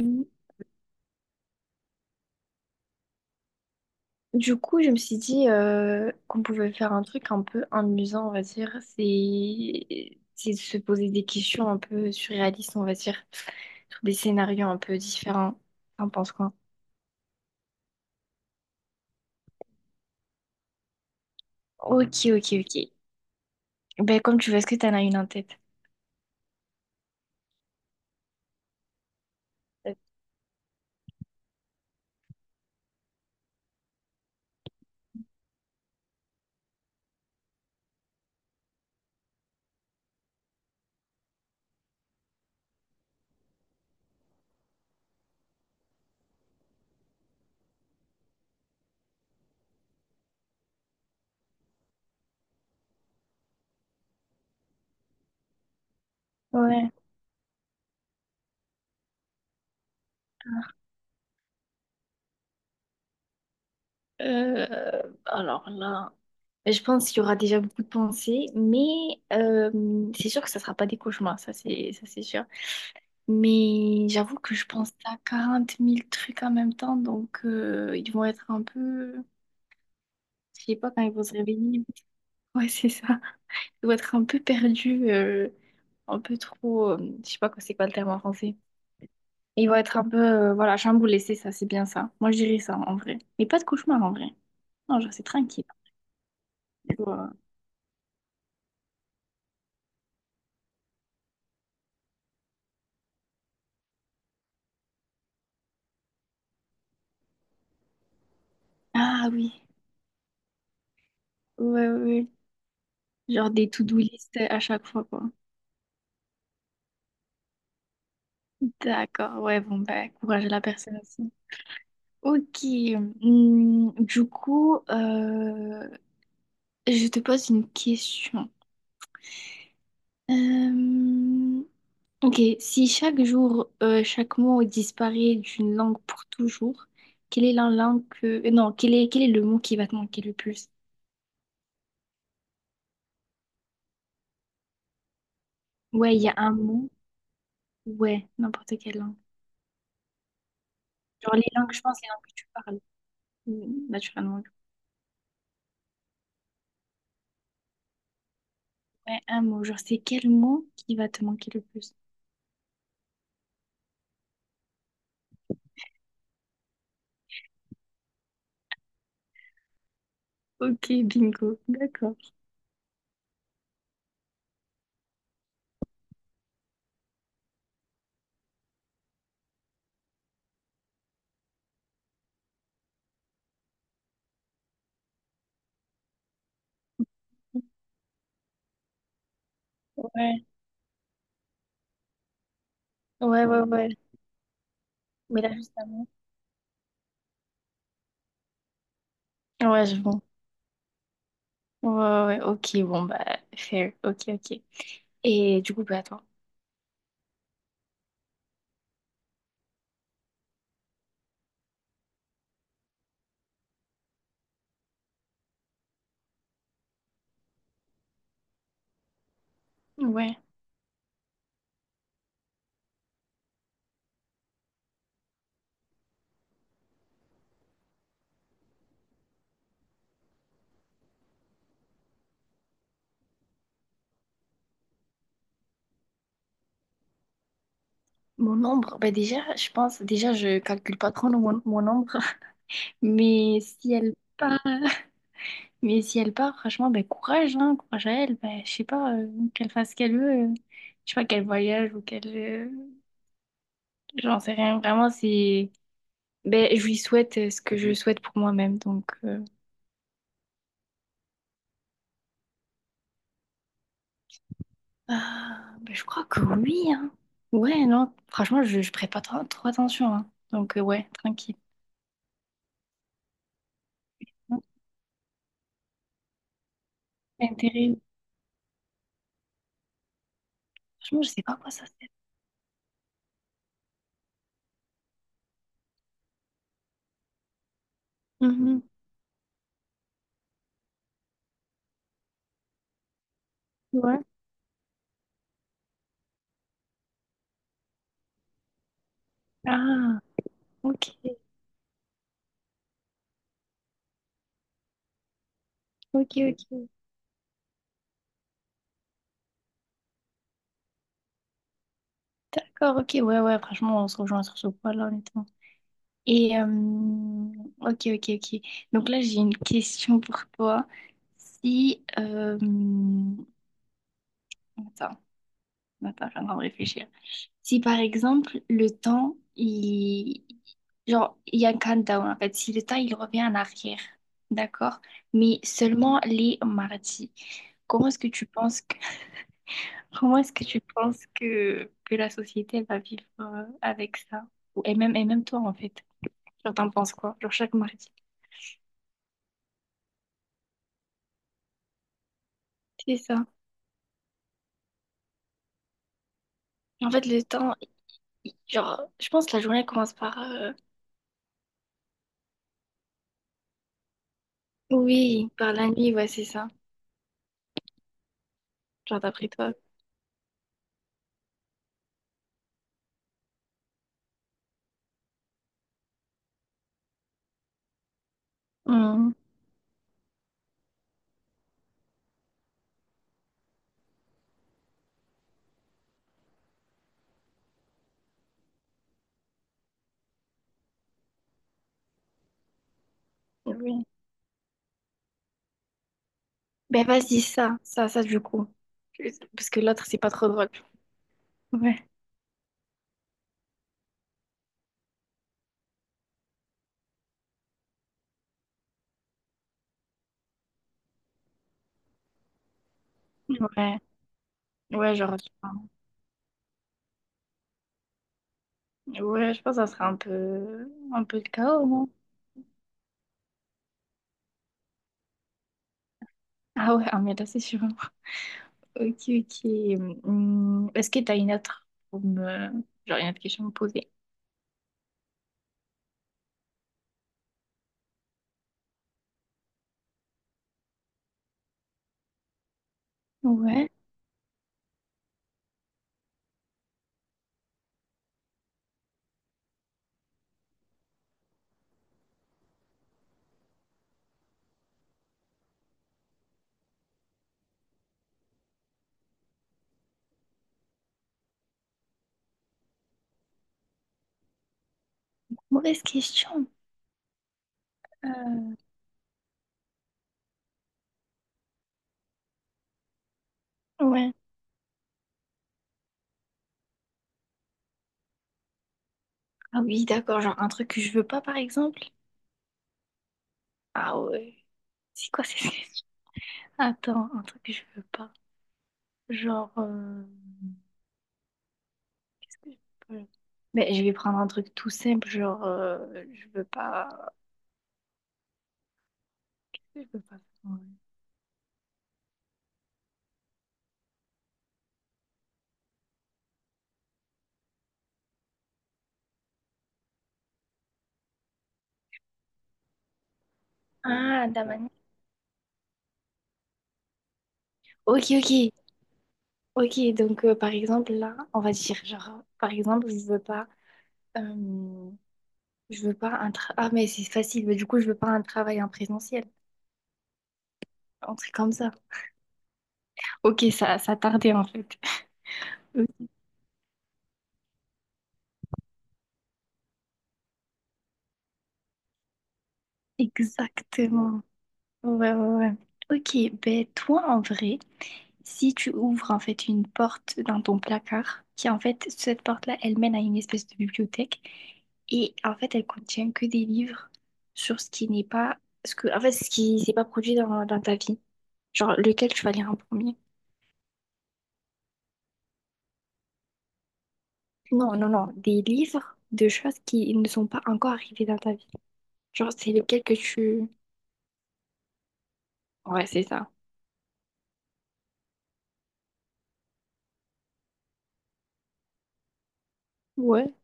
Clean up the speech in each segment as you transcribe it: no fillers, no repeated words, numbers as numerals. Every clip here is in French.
Mm. Du coup, je me suis dit qu'on pouvait faire un truc un peu amusant, on va dire. C'est de se poser des questions un peu surréalistes, on va dire, sur des scénarios un peu différents. T'en penses quoi? Ok, ok, ok. Ben, comme tu veux, est-ce que t'en as une en tête? Ouais. Alors là, je pense qu'il y aura déjà beaucoup de pensées, mais euh, c'est sûr que ça sera pas des cauchemars, ça c'est sûr. Mais j'avoue que je pense à 40 000 trucs en même temps, donc ils vont être un peu, je sais pas quand ils vont se réveiller. Ouais, c'est ça. Ils vont être un peu perdus, un peu trop, je sais pas quoi- c'est quoi le terme en français. Ils vont être un peu, voilà, chamboulés, c'est ça, c'est bien ça. Moi, je dirais ça en vrai. Mais pas de cauchemar en vrai. Non, genre c'est tranquille. Genre, ah oui, ouais, ouais, ouais. Genre des to-do list à chaque fois, quoi. D'accord, ouais, bon, bah, courage à la personne aussi. Ok, du coup, je te pose une question. Euh, ok, si chaque jour, chaque mot disparaît d'une langue pour toujours, quelle est la langue que... non, quel est le mot qui va te manquer le plus? Ouais, il y a un mot. Ouais, n'importe quelle langue. Genre les langues, je pense, les langues que tu parles, naturellement. Ouais, un mot. Genre, c'est quel mot qui va te manquer le plus? Ok, bingo, d'accord. Ouais, ouais, ouais, ouais. Mais là, justement. Ouais, je vois. Ouais, ouais, ouais. Ok, bon, bah, fair. Ok, ok. Et du coup, bah, attends. Ouais. Mon nombre, bah, déjà, je pense, déjà, je calcule pas trop mon nombre. Mais si elle part, mais si elle part, franchement, bah, courage, hein, courage à elle. Bah, je sais pas, qu'elle fasse ce qu'elle veut. Je sais pas, qu'elle voyage ou qu'elle. J'en sais rien. Vraiment, c'est. Ben, je lui souhaite ce que je souhaite pour moi-même. Donc. Ah, ben, je crois que oui, hein. Ouais, non, franchement, je prête pas trop, trop attention, hein. Donc, ouais, tranquille. Non, intéressant. Franchement, je sais pas à quoi ça sert. Mhm. Ouais. Ah, ok, ok, ok. D'accord, ok, ouais, ouais, franchement, on se rejoint sur ce point-là, honnêtement. Et, ok, ok, ok. Donc là, j'ai une question pour toi. Si, attends, attends, je suis en train de réfléchir. Si par exemple le temps, il... genre, il y a un countdown en fait, si le temps il revient en arrière, d'accord? Mais seulement les mardis. Comment est-ce que tu penses que... Comment est-ce que tu penses que la société elle va vivre avec ça? Et même toi en fait. Genre t'en penses quoi? Genre chaque mardi. C'est ça. En fait le temps, genre je pense que la journée elle commence par oui, par la nuit, ouais c'est ça. Genre d'après toi. Mhm. Oui. Ben vas-y, ça du coup. Parce que l'autre, c'est pas trop drôle. Ouais. Ouais, ouais, genre, ouais, je pense que ça sera un peu le chaos, non? Ah ouais, ah, mais là, c'est sûr. Ok, ok. Est-ce que t'as une autre pour me... genre une autre question à me poser? Ouais. Mauvaise question. Euh, Ouais. Ah oui, d'accord, genre un truc que je veux pas, par exemple? Ah ouais. C'est quoi ces questions? Attends, un truc que je veux pas. Genre, Qu'est-ce que je peux- Mais je vais prendre un truc tout simple, genre je veux pas. Je veux pas. faire- Ah, Damani. Ok, ok, ok. Donc par exemple là, on va dire genre par exemple je veux pas, euh, ah mais c'est facile. Mais du coup je veux pas un travail en présentiel, un truc comme ça. Ok, ça tardait en fait. Exactement. Ouais ouais ouais. Ok, ben toi en vrai. Si tu ouvres en fait une porte dans ton placard, qui en fait, cette porte-là, elle mène à une espèce de bibliothèque et en fait, elle contient que des livres sur ce qui n'est pas, ce que, en fait, ce qui s'est pas produit dans ta vie. Genre, lequel tu vas lire en premier? Non, non, non, des livres de choses qui ne sont pas encore arrivées dans ta vie. Genre, c'est lequel que tu... Ouais, c'est ça. Ouais.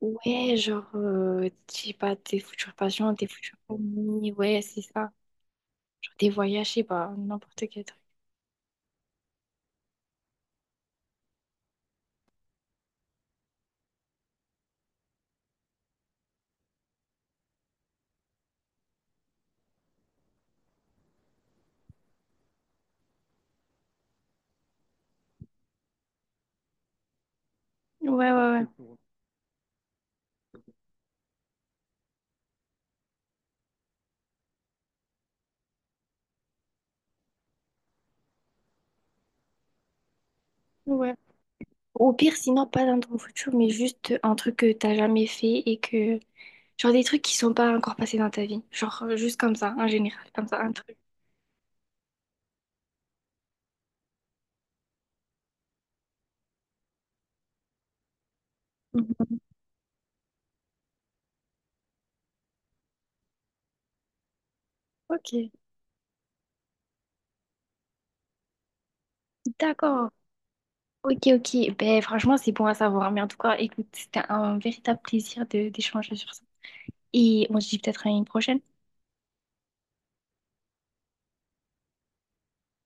Ouais, genre, je sais pas, tes futurs patients, tes futurs amis, ouais, c'est ça. Genre, tes voyages, je sais pas, n'importe quel truc. Ouais, ouais, ouais. Ouais. Au pire, sinon, pas dans ton futur, mais juste un truc que t'as jamais fait et que. Genre des trucs qui sont pas encore passés dans ta vie. Genre juste comme ça, en général, comme ça, un truc. Mhm. Ok, d'accord. Ok, ok. Ben, franchement, c'est bon à savoir. Mais en tout cas, écoute, c'était un véritable plaisir de d'échanger sur ça. Et on se dit peut-être à une prochaine.